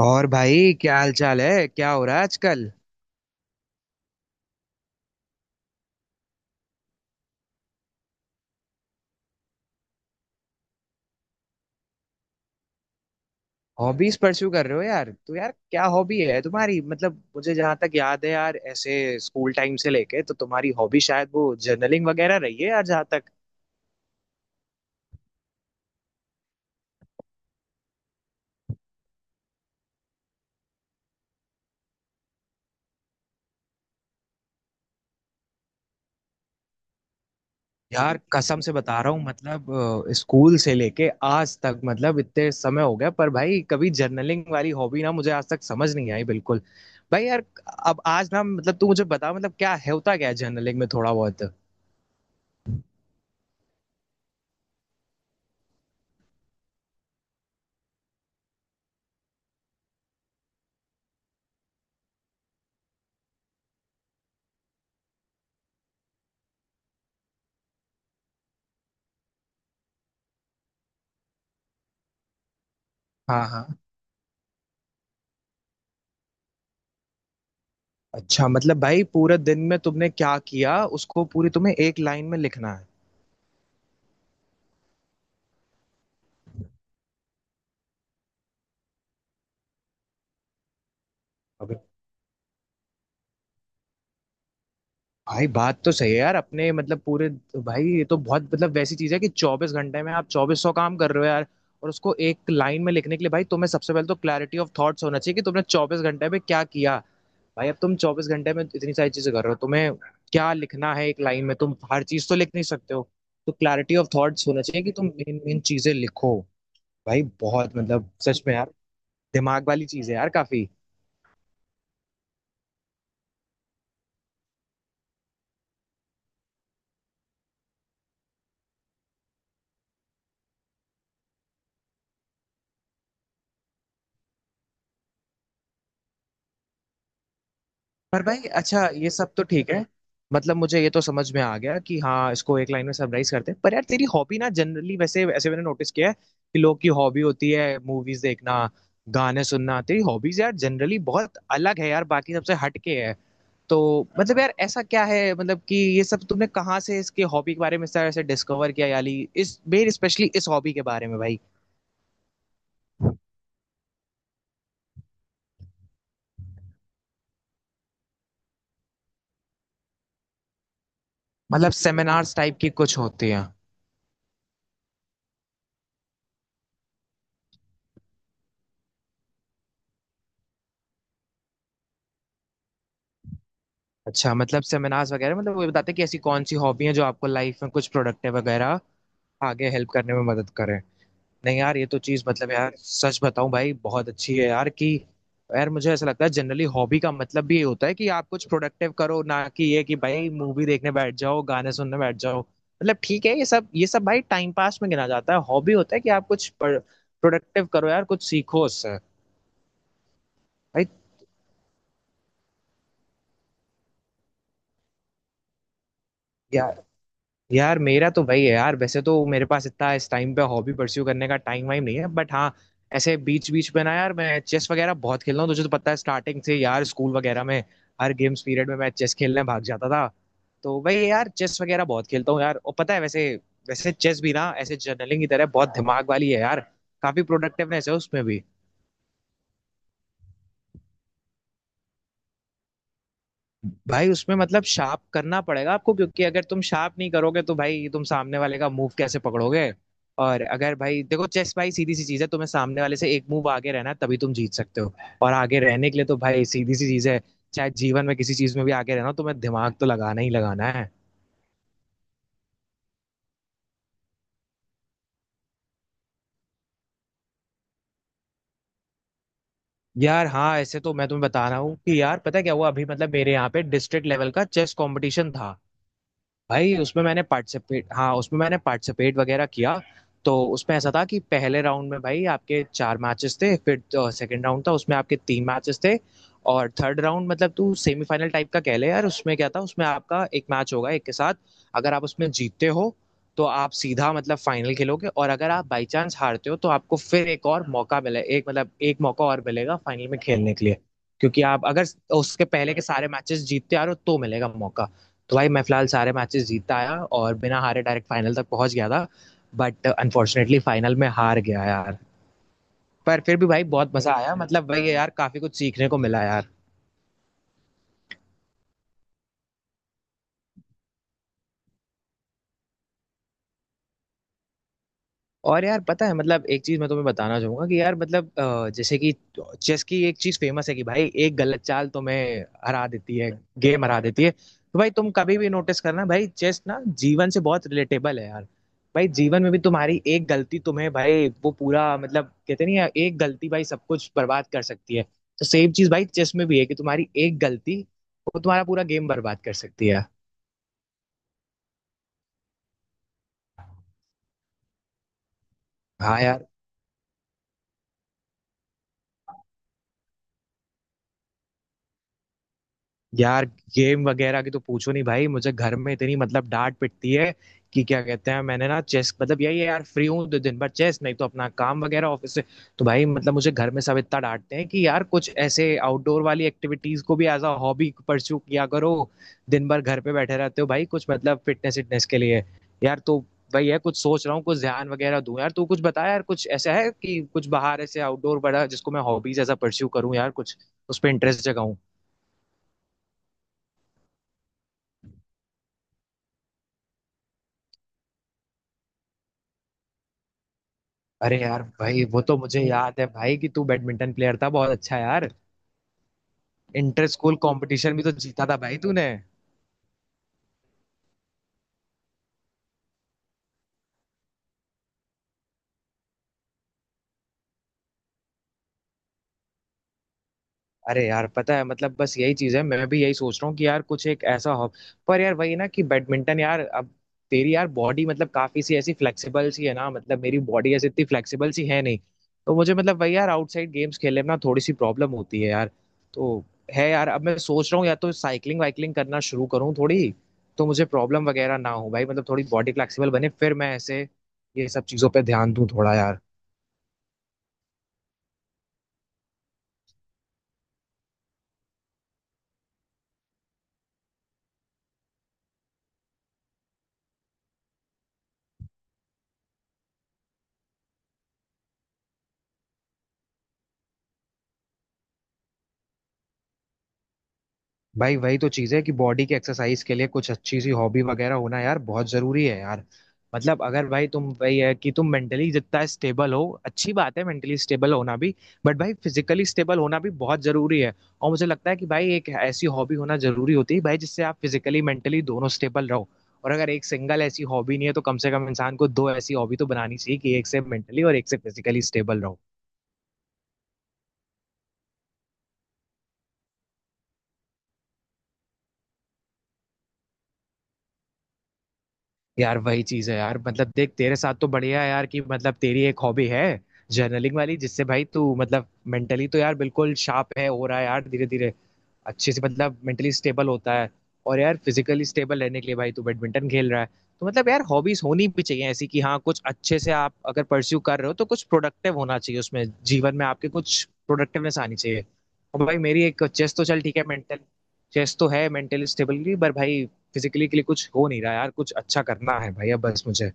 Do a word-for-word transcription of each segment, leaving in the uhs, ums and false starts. और भाई क्या हाल चाल है, क्या हो रहा है आजकल। हॉबीज परस्यू कर रहे हो यार, तो यार क्या हॉबी है तुम्हारी। मतलब मुझे जहां तक याद है यार, ऐसे स्कूल टाइम से लेके तो तुम्हारी हॉबी शायद वो जर्नलिंग वगैरह रही है यार, जहां तक यार कसम से बता रहा हूँ। मतलब अ, स्कूल से लेके आज तक, मतलब इतने समय हो गया पर भाई कभी जर्नलिंग वाली हॉबी ना मुझे आज तक समझ नहीं आई बिल्कुल भाई यार। अब आज ना मतलब तू मुझे बता मतलब क्या है, होता क्या है जर्नलिंग में थोड़ा बहुत। हाँ हाँ। अच्छा मतलब भाई पूरे दिन में तुमने क्या किया उसको पूरी तुम्हें एक लाइन में लिखना है। अबे भाई बात तो सही है यार, अपने मतलब पूरे। भाई ये तो बहुत मतलब वैसी चीज है कि चौबीस घंटे में आप चौबीस सौ काम कर रहे हो यार, और उसको एक लाइन में लिखने के लिए भाई तुम्हें सबसे पहले तो क्लैरिटी ऑफ थॉट्स होना चाहिए कि तुमने चौबीस घंटे में क्या किया। भाई अब तुम चौबीस घंटे में इतनी सारी चीजें कर रहे हो, तुम्हें क्या लिखना है एक लाइन में, तुम हर चीज तो लिख नहीं सकते हो। तो क्लैरिटी ऑफ थॉट्स होना चाहिए कि तुम इन इन चीजें लिखो। भाई बहुत मतलब सच में यार, दिमाग वाली चीज है यार काफी। पर भाई अच्छा ये सब तो ठीक है। मतलब मुझे ये तो समझ में आ गया कि हाँ इसको एक लाइन में समराइज करते हैं, पर यार तेरी हॉबी ना जनरली वैसे ऐसे मैंने नोटिस किया है कि लोग की हॉबी होती है मूवीज देखना, गाने सुनना। तेरी हॉबीज यार जनरली बहुत अलग है यार, बाकी सबसे हट के है। तो मतलब यार ऐसा क्या है, मतलब कि ये सब तुमने कहाँ से इसके हॉबी के बारे में सर ऐसे डिस्कवर किया याली, इस मेन स्पेशली इस हॉबी के बारे में भाई। मतलब सेमिनार्स टाइप की कुछ होती हैं। अच्छा मतलब सेमिनार्स वगैरह मतलब वो बताते हैं कि ऐसी कौन सी हॉबी हैं जो आपको लाइफ में कुछ प्रोडक्टिव वगैरह आगे हेल्प करने में मदद करें। नहीं यार, ये तो चीज मतलब यार सच बताऊं भाई बहुत अच्छी है यार कि यार मुझे ऐसा लगता है जनरली हॉबी का मतलब भी ये होता है कि आप कुछ प्रोडक्टिव करो, ना कि ये कि भाई मूवी देखने बैठ जाओ, गाने सुनने बैठ जाओ। मतलब ठीक है ये सब, ये सब भाई टाइम पास में गिना जाता है। हॉबी होता है कि आप कुछ प्रोडक्टिव करो यार, कुछ सीखो उससे। भाई यार मेरा तो वही है यार, वैसे तो मेरे पास इतना इस टाइम पे हॉबी परस्यू करने का टाइम वाइम नहीं है, बट हाँ ऐसे बीच बीच में ना यार मैं चेस वगैरह बहुत खेलता हूँ। तुझे तो पता है स्टार्टिंग से यार, स्कूल वगैरह में हर गेम्स पीरियड में मैं चेस खेलने भाग जाता था। तो वही है यार, चेस वगैरह बहुत खेलता हूँ यार। और पता है वैसे वैसे चेस भी ना ऐसे जर्नलिंग की तरह बहुत दिमाग वाली है यार, काफी प्रोडक्टिवनेस है उसमें भी। भाई उसमें मतलब शार्प करना पड़ेगा आपको, क्योंकि अगर तुम शार्प नहीं करोगे तो भाई तुम सामने वाले का मूव कैसे पकड़ोगे। और अगर भाई देखो, चेस भाई सीधी सी चीज है, तुम्हें सामने वाले से एक मूव आगे रहना है, तभी तुम जीत सकते हो। और आगे रहने के लिए तो भाई सीधी सी चीज है, चाहे जीवन में किसी चीज में भी आगे रहना हो, तुम्हें दिमाग तो लगाना ही लगाना है। यार हाँ, ऐसे तो मैं तुम्हें बता रहा हूँ कि यार पता है क्या हुआ, अभी मतलब मेरे यहाँ पे डिस्ट्रिक्ट लेवल का चेस कंपटीशन था। भाई उसमें मैंने पार्टिसिपेट हाँ उसमें मैंने पार्टिसिपेट वगैरह किया। तो उसमें ऐसा था कि पहले राउंड में भाई आपके चार मैचेस थे, फिर सेकंड राउंड था, उसमें आपके तीन मैचेस थे। और थर्ड राउंड मतलब तू सेमीफाइनल टाइप का कह ले यार, उसमें क्या था, उसमें आपका एक मैच होगा एक के साथ। अगर आप उसमें जीतते हो तो आप सीधा मतलब फाइनल खेलोगे, और अगर आप बाई चांस हारते हो तो आपको फिर एक और मौका मिले एक मतलब एक मौका और मिलेगा फाइनल में खेलने के लिए, क्योंकि आप अगर उसके पहले के सारे मैचेस जीतते आ रहे हो तो मिलेगा मौका। तो भाई मैं फिलहाल सारे मैचेस जीतता आया और बिना हारे डायरेक्ट फाइनल तक पहुंच गया था, बट अनफॉर्चुनेटली फाइनल में हार गया यार। पर फिर भी भाई बहुत मजा आया, मतलब भाई यार काफी कुछ सीखने को मिला यार। और यार पता है मतलब एक चीज मैं तुम्हें बताना चाहूंगा कि यार मतलब अ, जैसे कि चेस की एक चीज फेमस है कि भाई एक गलत चाल तुम्हें हरा देती है, गेम हरा देती है। तो भाई तुम कभी भी नोटिस करना, भाई चेस ना जीवन से बहुत रिलेटेबल है यार। भाई जीवन में भी तुम्हारी एक गलती तुम्हें भाई वो पूरा, मतलब कहते नहीं है, एक गलती भाई सब कुछ बर्बाद कर सकती है। तो सेम चीज भाई चेस में भी है कि तुम्हारी एक गलती वो तुम्हारा पूरा गेम बर्बाद कर सकती है। हाँ यार। यार गेम वगैरह की तो पूछो नहीं भाई, मुझे घर में इतनी मतलब डांट पिटती है कि क्या कहते हैं, मैंने ना चेस मतलब यही है यार, फ्री हूँ तो दिन भर चेस, नहीं तो अपना काम वगैरह ऑफिस से। तो भाई मतलब मुझे घर में सब इतना डांटते हैं कि यार कुछ ऐसे आउटडोर वाली एक्टिविटीज को भी एज अ हॉबी परस्यू किया करो, दिन भर घर पे बैठे रहते हो भाई, कुछ मतलब फिटनेस फिटनेस के लिए यार। तो भाई है कुछ सोच रहा हूँ, कुछ ध्यान वगैरह दूं यार। तू कुछ बता यार, कुछ ऐसा है कि कुछ बाहर ऐसे आउटडोर बड़ा जिसको मैं हॉबीज ऐसा परस्यू करूँ यार, कुछ उस पर इंटरेस्ट जगाऊं। अरे यार भाई वो तो मुझे याद है भाई कि तू बैडमिंटन प्लेयर था बहुत अच्छा यार। इंटर स्कूल कंपटीशन भी तो जीता था भाई तूने। अरे यार पता है मतलब बस यही चीज है, मैं भी यही सोच रहा हूँ कि यार कुछ एक ऐसा हो। पर यार वही ना कि बैडमिंटन यार अब, तेरी यार बॉडी मतलब काफी सी ऐसी फ्लेक्सिबल सी है ना, मतलब मेरी बॉडी ऐसी इतनी फ्लेक्सिबल सी है नहीं। तो मुझे मतलब वही यार आउटसाइड गेम्स खेलने में ना थोड़ी सी प्रॉब्लम होती है यार। तो है यार अब मैं सोच रहा हूँ या तो साइकिलिंग वाइकलिंग करना शुरू करूँ थोड़ी, तो मुझे प्रॉब्लम वगैरह ना हो भाई, मतलब थोड़ी बॉडी फ्लेक्सिबल बने, फिर मैं ऐसे ये सब चीजों पर ध्यान दूं थोड़ा यार। भाई वही तो चीज है कि बॉडी की एक्सरसाइज के लिए कुछ अच्छी सी हॉबी वगैरह होना यार बहुत जरूरी है यार। मतलब अगर भाई तुम वही है कि तुम मेंटली जितना स्टेबल हो अच्छी बात है, मेंटली स्टेबल होना भी, बट भाई फिजिकली स्टेबल होना भी बहुत जरूरी है। और मुझे लगता है कि भाई एक ऐसी हॉबी होना जरूरी होती है भाई जिससे आप फिजिकली मेंटली दोनों स्टेबल रहो। और अगर एक सिंगल ऐसी हॉबी नहीं है तो कम से कम इंसान को दो ऐसी हॉबी तो बनानी चाहिए कि एक से मेंटली और एक से फिजिकली स्टेबल रहो। यार वही चीज है यार, मतलब देख तेरे साथ तो बढ़िया है यार कि मतलब तेरी एक हॉबी है जर्नलिंग वाली, जिससे भाई तू मतलब मेंटली तो यार बिल्कुल शार्प है, हो रहा है यार धीरे धीरे अच्छे से, मतलब मेंटली स्टेबल होता है। और यार फिजिकली स्टेबल रहने के लिए भाई तू बैडमिंटन खेल रहा है। तो मतलब यार हॉबीज होनी भी चाहिए ऐसी कि हाँ कुछ अच्छे से आप अगर परस्यू कर रहे हो तो कुछ प्रोडक्टिव होना चाहिए उसमें, जीवन में आपके कुछ प्रोडक्टिवनेस आनी चाहिए। और भाई मेरी एक चेस तो चल ठीक है मेंटल, चेस तो है मेंटली स्टेबिलिटी, पर भाई फिजिकली के लिए कुछ हो नहीं रहा यार, कुछ अच्छा करना है भाई अब बस मुझे।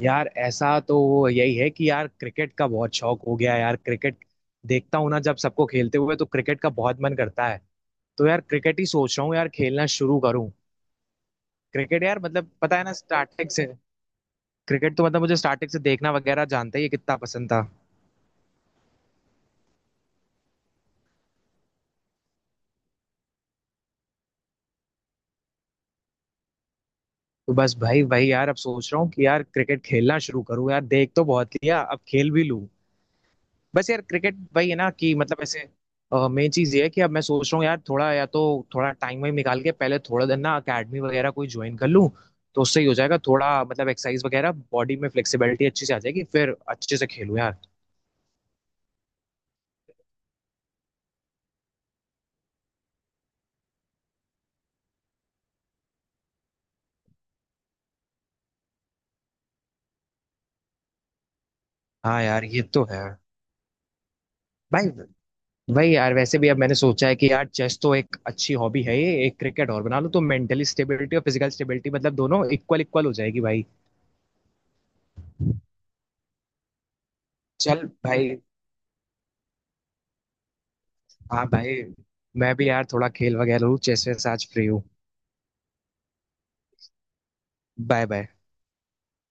यार ऐसा तो वो यही है कि यार क्रिकेट का बहुत शौक हो गया है यार, क्रिकेट देखता हूँ ना जब सबको खेलते हुए, तो क्रिकेट का बहुत मन करता है। तो यार क्रिकेट ही सोच रहा हूँ यार खेलना शुरू करूँ। क्रिकेट यार मतलब पता है ना स्टार्टिंग से, क्रिकेट तो मतलब मुझे स्टार्टिंग से देखना वगैरह जानते ही है कितना पसंद था। तो बस भाई भाई यार अब सोच रहा हूँ कि यार क्रिकेट खेलना शुरू करूँ यार, देख तो बहुत लिया अब खेल भी लूँ। बस यार क्रिकेट वही है ना कि मतलब ऐसे मेन चीज ये है कि अब मैं सोच रहा हूँ यार थोड़ा, या तो थोड़ा टाइम वाइम निकाल के पहले थोड़ा दिन ना अकेडमी वगैरह कोई ज्वाइन कर लूँ, तो उससे ही हो जाएगा थोड़ा मतलब एक्सरसाइज वगैरह, बॉडी में फ्लेक्सिबिलिटी अच्छी से आ जाएगी, फिर अच्छे से खेलूँ यार। हाँ यार ये तो है भाई। भाई यार वैसे भी अब मैंने सोचा है कि यार चेस तो एक अच्छी हॉबी है, ये एक क्रिकेट और बना लो तो मेंटली स्टेबिलिटी और फिजिकल स्टेबिलिटी मतलब दोनों इक्वल इक्वल हो जाएगी भाई। चल भाई, हाँ भाई, मैं भी यार थोड़ा खेल वगैरह लूँ, चेस वेस आज फ्री हूँ। Bye bye.